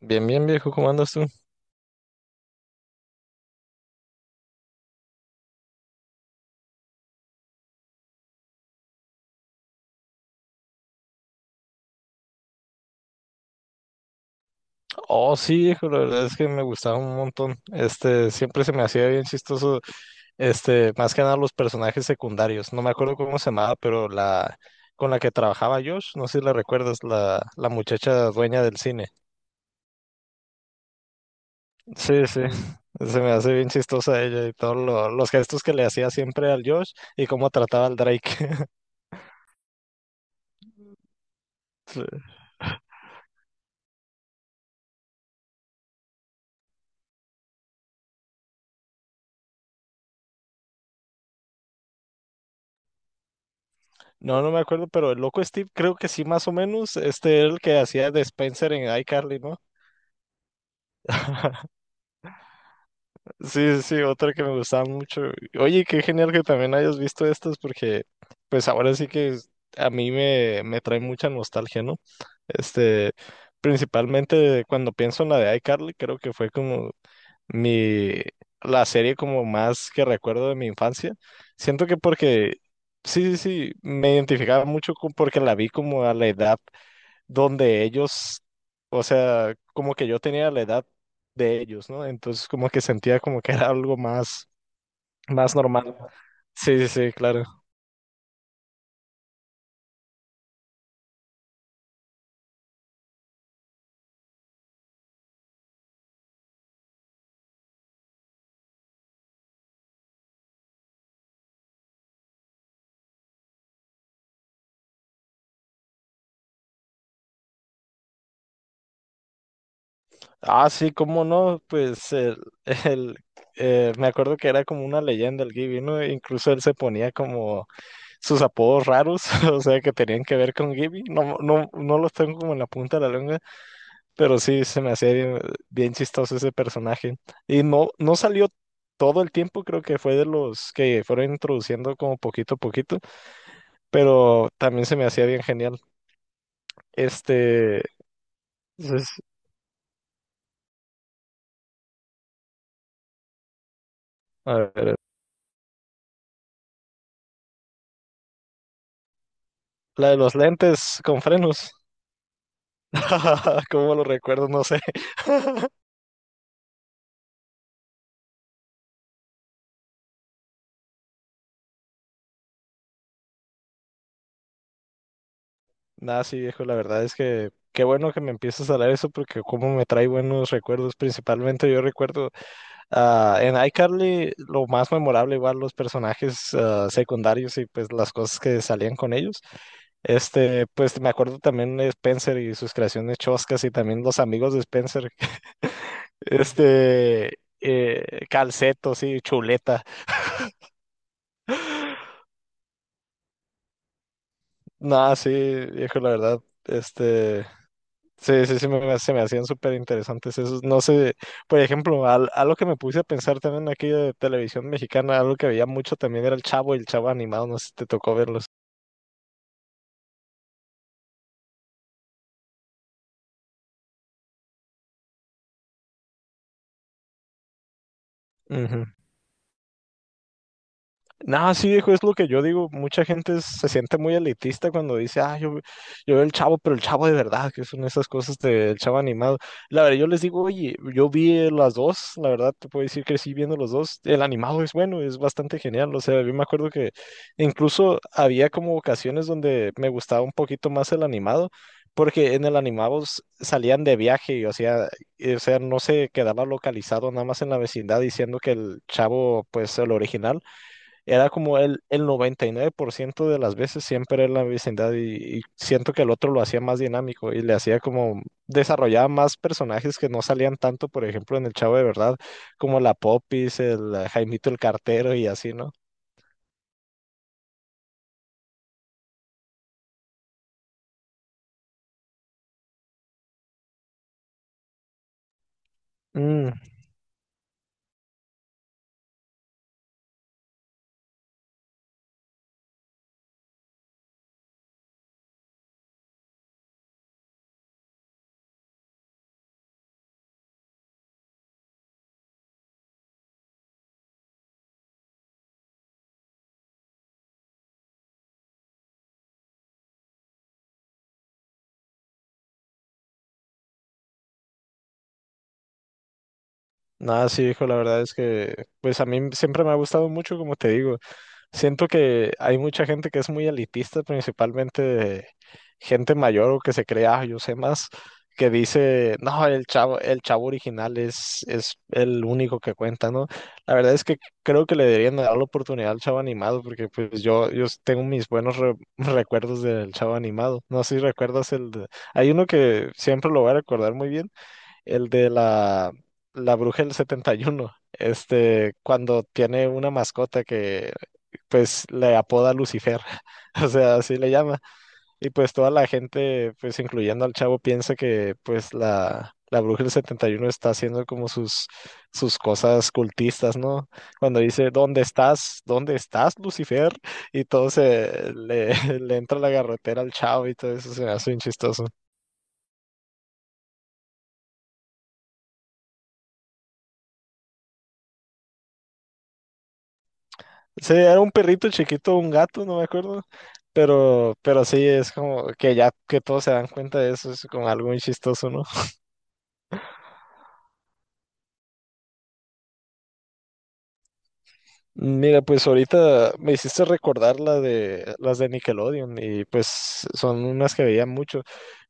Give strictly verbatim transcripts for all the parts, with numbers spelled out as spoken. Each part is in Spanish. Bien, bien, viejo, ¿cómo andas tú? Oh, sí, viejo, la verdad es que me gustaba un montón. Este, siempre se me hacía bien chistoso, este, más que nada los personajes secundarios. No me acuerdo cómo se llamaba, pero la con la que trabajaba Josh, no sé si la recuerdas, la, la muchacha dueña del cine. Sí, sí. Se me hace bien chistosa ella y todos lo- los gestos que le hacía siempre al Josh y cómo trataba al Drake. Sí. No, no me acuerdo, pero el loco Steve creo que sí, más o menos, este era el que hacía de Spencer en iCarly, ¿no? Sí, sí, sí, otra que me gustaba mucho. Oye, qué genial que también hayas visto estas porque pues ahora sí que es- a mí me, me trae mucha nostalgia, ¿no? Este, principalmente cuando pienso en la de iCarly, creo que fue como mi, la serie como más que recuerdo de mi infancia. Siento que porque, sí, sí, sí, me identificaba mucho con- porque la vi como a la edad donde ellos, o sea, como que yo tenía la edad de ellos, ¿no? Entonces como que sentía como que era algo más, más normal. Sí, sí, sí, claro. Ah, sí, cómo no, pues el, el, eh, me acuerdo que era como una leyenda el Gibby, ¿no? Incluso él se ponía como sus apodos raros, o sea, que tenían que ver con Gibby. No, no, no los tengo como en la punta de la lengua. Pero sí, se me hacía bien, bien chistoso ese personaje. Y no, no salió todo el tiempo, creo que fue de los que fueron introduciendo como poquito a poquito, pero también se me hacía bien genial. Este, entonces, a ver, la de los lentes con frenos. ¿Cómo lo recuerdo? No sé. Nada, sí, viejo, la verdad es que qué bueno que me empiezas a hablar eso porque como me trae buenos recuerdos, principalmente yo recuerdo. Ah, en iCarly lo más memorable, igual los personajes ah, secundarios y pues las cosas que salían con ellos. Este, pues me acuerdo también de Spencer y sus creaciones choscas y también los amigos de Spencer. Este, eh, Calceto, sí, Chuleta. No, sí, viejo, la verdad, este, sí, sí, sí, me- se me hacían súper interesantes esos. No sé, por ejemplo, al- algo que me puse a pensar también aquí de televisión mexicana, algo que veía mucho también era el Chavo y el Chavo animado, no sé si te tocó verlos. Ujú. Nada, sí, viejo, es lo que yo digo. Mucha gente se siente muy elitista cuando dice, ah, yo, yo veo el Chavo, pero el Chavo de verdad, que son esas cosas del Chavo animado. La verdad, yo les digo, oye, yo vi las dos, la verdad, te puedo decir que sí, viendo los dos. El animado es bueno, es bastante genial. O sea, yo me acuerdo que incluso había como ocasiones donde me gustaba un poquito más el animado, porque en el animado s- salían de viaje, y, o sea, y, o sea, no se quedaba localizado nada más en la vecindad, diciendo que el Chavo, pues, el original era como el, el noventa y nueve por ciento de las veces siempre en la vecindad, y, y siento que el otro lo hacía más dinámico y le hacía como desarrollaba más personajes que no salían tanto, por ejemplo, en El Chavo de Verdad, como la Popis, el eh, Jaimito el Cartero y así, ¿no? Mm. Nada, sí, hijo, la verdad es que, pues a mí siempre me ha gustado mucho, como te digo. Siento que hay mucha gente que es muy elitista, principalmente de gente mayor, o que se crea: "Ah, yo sé más", que dice, no, el chavo, el chavo original es, es el único que cuenta, ¿no? La verdad es que creo que le deberían dar la oportunidad al chavo animado, porque pues yo, yo tengo mis buenos re- recuerdos del chavo animado. No sé si recuerdas. el de- Hay uno que siempre lo voy a recordar muy bien, el de la, la, bruja del setenta y uno este, cuando tiene una mascota que pues le apoda Lucifer, o sea, así le llama, y pues toda la gente, pues incluyendo al chavo, piensa que pues la, la bruja del setenta y uno está haciendo como sus, sus cosas cultistas, ¿no? Cuando dice: ¿dónde estás? ¿Dónde estás, Lucifer? Y todo se le, le entra la garrotera al chavo, y todo eso se me hace bien chistoso. Sí, era un perrito chiquito, un gato, no me acuerdo. Pero, pero sí, es como que ya que todos se dan cuenta de eso, es como algo muy chistoso, ¿no? Mira, pues ahorita me hiciste recordar la de las de Nickelodeon y pues son unas que veía mucho.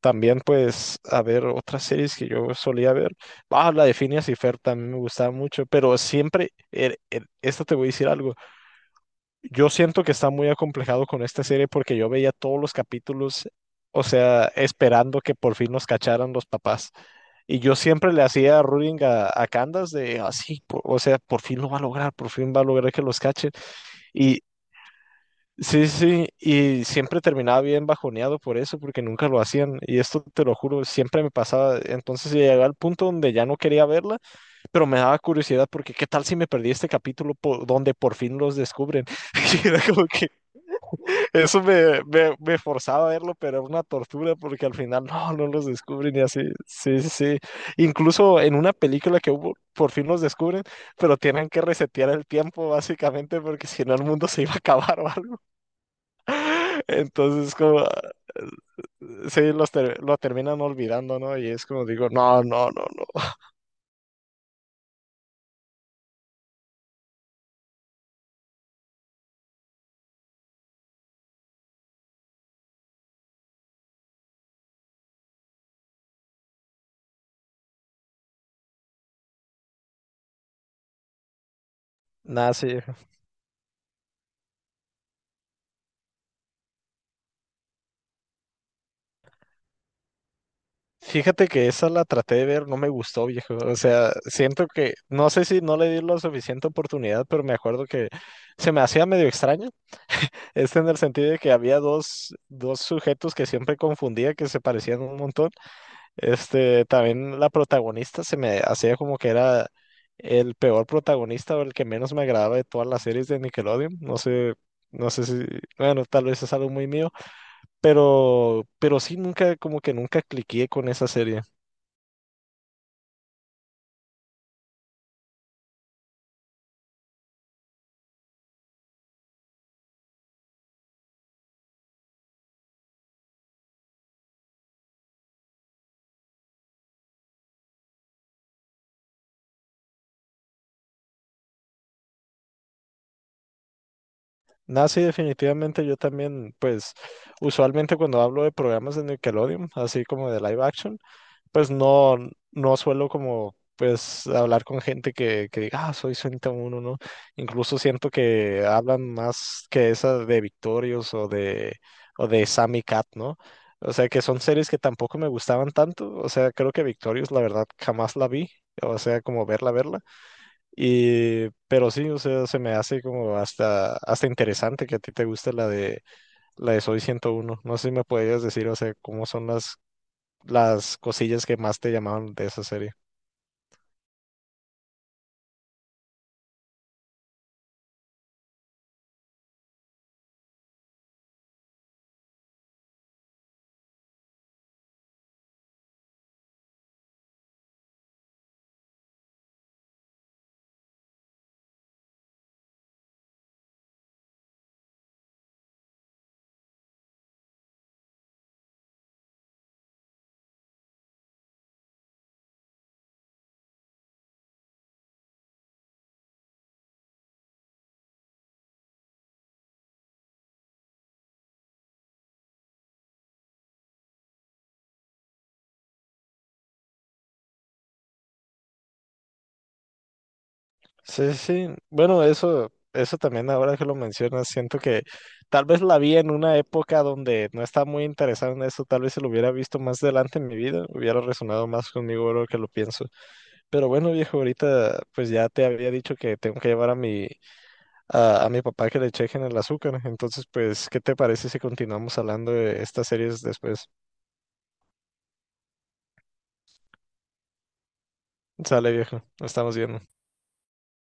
También pues a ver otras series que yo solía ver. Ah, la de Phineas y Fer también me gustaba mucho, pero siempre, er- er- esto te voy a decir algo. Yo siento que está muy acomplejado con esta serie porque yo veía todos los capítulos, o sea, esperando que por fin nos cacharan los papás. Y yo siempre le hacía ruling a, a Candace de así, o sea, por fin lo va a lograr, por fin va a lograr que los cachen. Y sí, sí, sí, y siempre terminaba bien bajoneado por eso, porque nunca lo hacían. Y esto te lo juro, siempre me pasaba. Entonces llegaba al punto donde ya no quería verla, pero me daba curiosidad porque qué tal si me perdí este capítulo po- donde por fin los descubren. Y era como que eso me, me, me forzaba a verlo, pero era una tortura porque al final no, no los descubren y así. Sí, sí, sí. Incluso en una película que hubo, por fin los descubren, pero tienen que resetear el tiempo básicamente, porque si no el mundo se iba a acabar o algo. Entonces, como, ah, sí, los ter- lo terminan olvidando, ¿no? Y es como digo, no, no, no, no. Nada, sí. Fíjate que esa la traté de ver, no me gustó, viejo. O sea, siento que, no sé si no le di la suficiente oportunidad, pero me acuerdo que se me hacía medio extraño. Este en el sentido de que había dos, dos sujetos que siempre confundía, que se parecían un montón. Este, también la protagonista se me hacía como que era el peor protagonista o el que menos me agradaba de todas las series de Nickelodeon. No sé, no sé si, bueno, tal vez es algo muy mío, pero, pero sí nunca, como que nunca cliqué con esa serie. Nada, sí, definitivamente yo también, pues usualmente cuando hablo de programas de Nickelodeon, así como de live action, pues no, no suelo como pues hablar con gente que, que diga, ah, soy Sonic uno, ¿no? Incluso siento que hablan más que esa de Victorious o de, o de Sammy Cat, ¿no? O sea, que son series que tampoco me gustaban tanto, o sea, creo que Victorious la verdad jamás la vi, o sea, como verla, verla. Y, pero sí, o sea, se me hace como hasta, hasta interesante que a ti te guste la de, la de Soy ciento uno. No sé si me podrías decir, o sea, cómo son las, las cosillas que más te llamaban de esa serie. Sí, sí. Bueno, eso, eso también ahora que lo mencionas, siento que tal vez la vi en una época donde no estaba muy interesado en eso, tal vez se lo hubiera visto más adelante en mi vida, hubiera resonado más conmigo ahora que lo pienso. Pero bueno, viejo, ahorita pues ya te había dicho que tengo que llevar a mi a, a mi papá, que le chequen el azúcar. Entonces, pues, ¿qué te parece si continuamos hablando de estas series después? Sale, viejo, nos estamos viendo.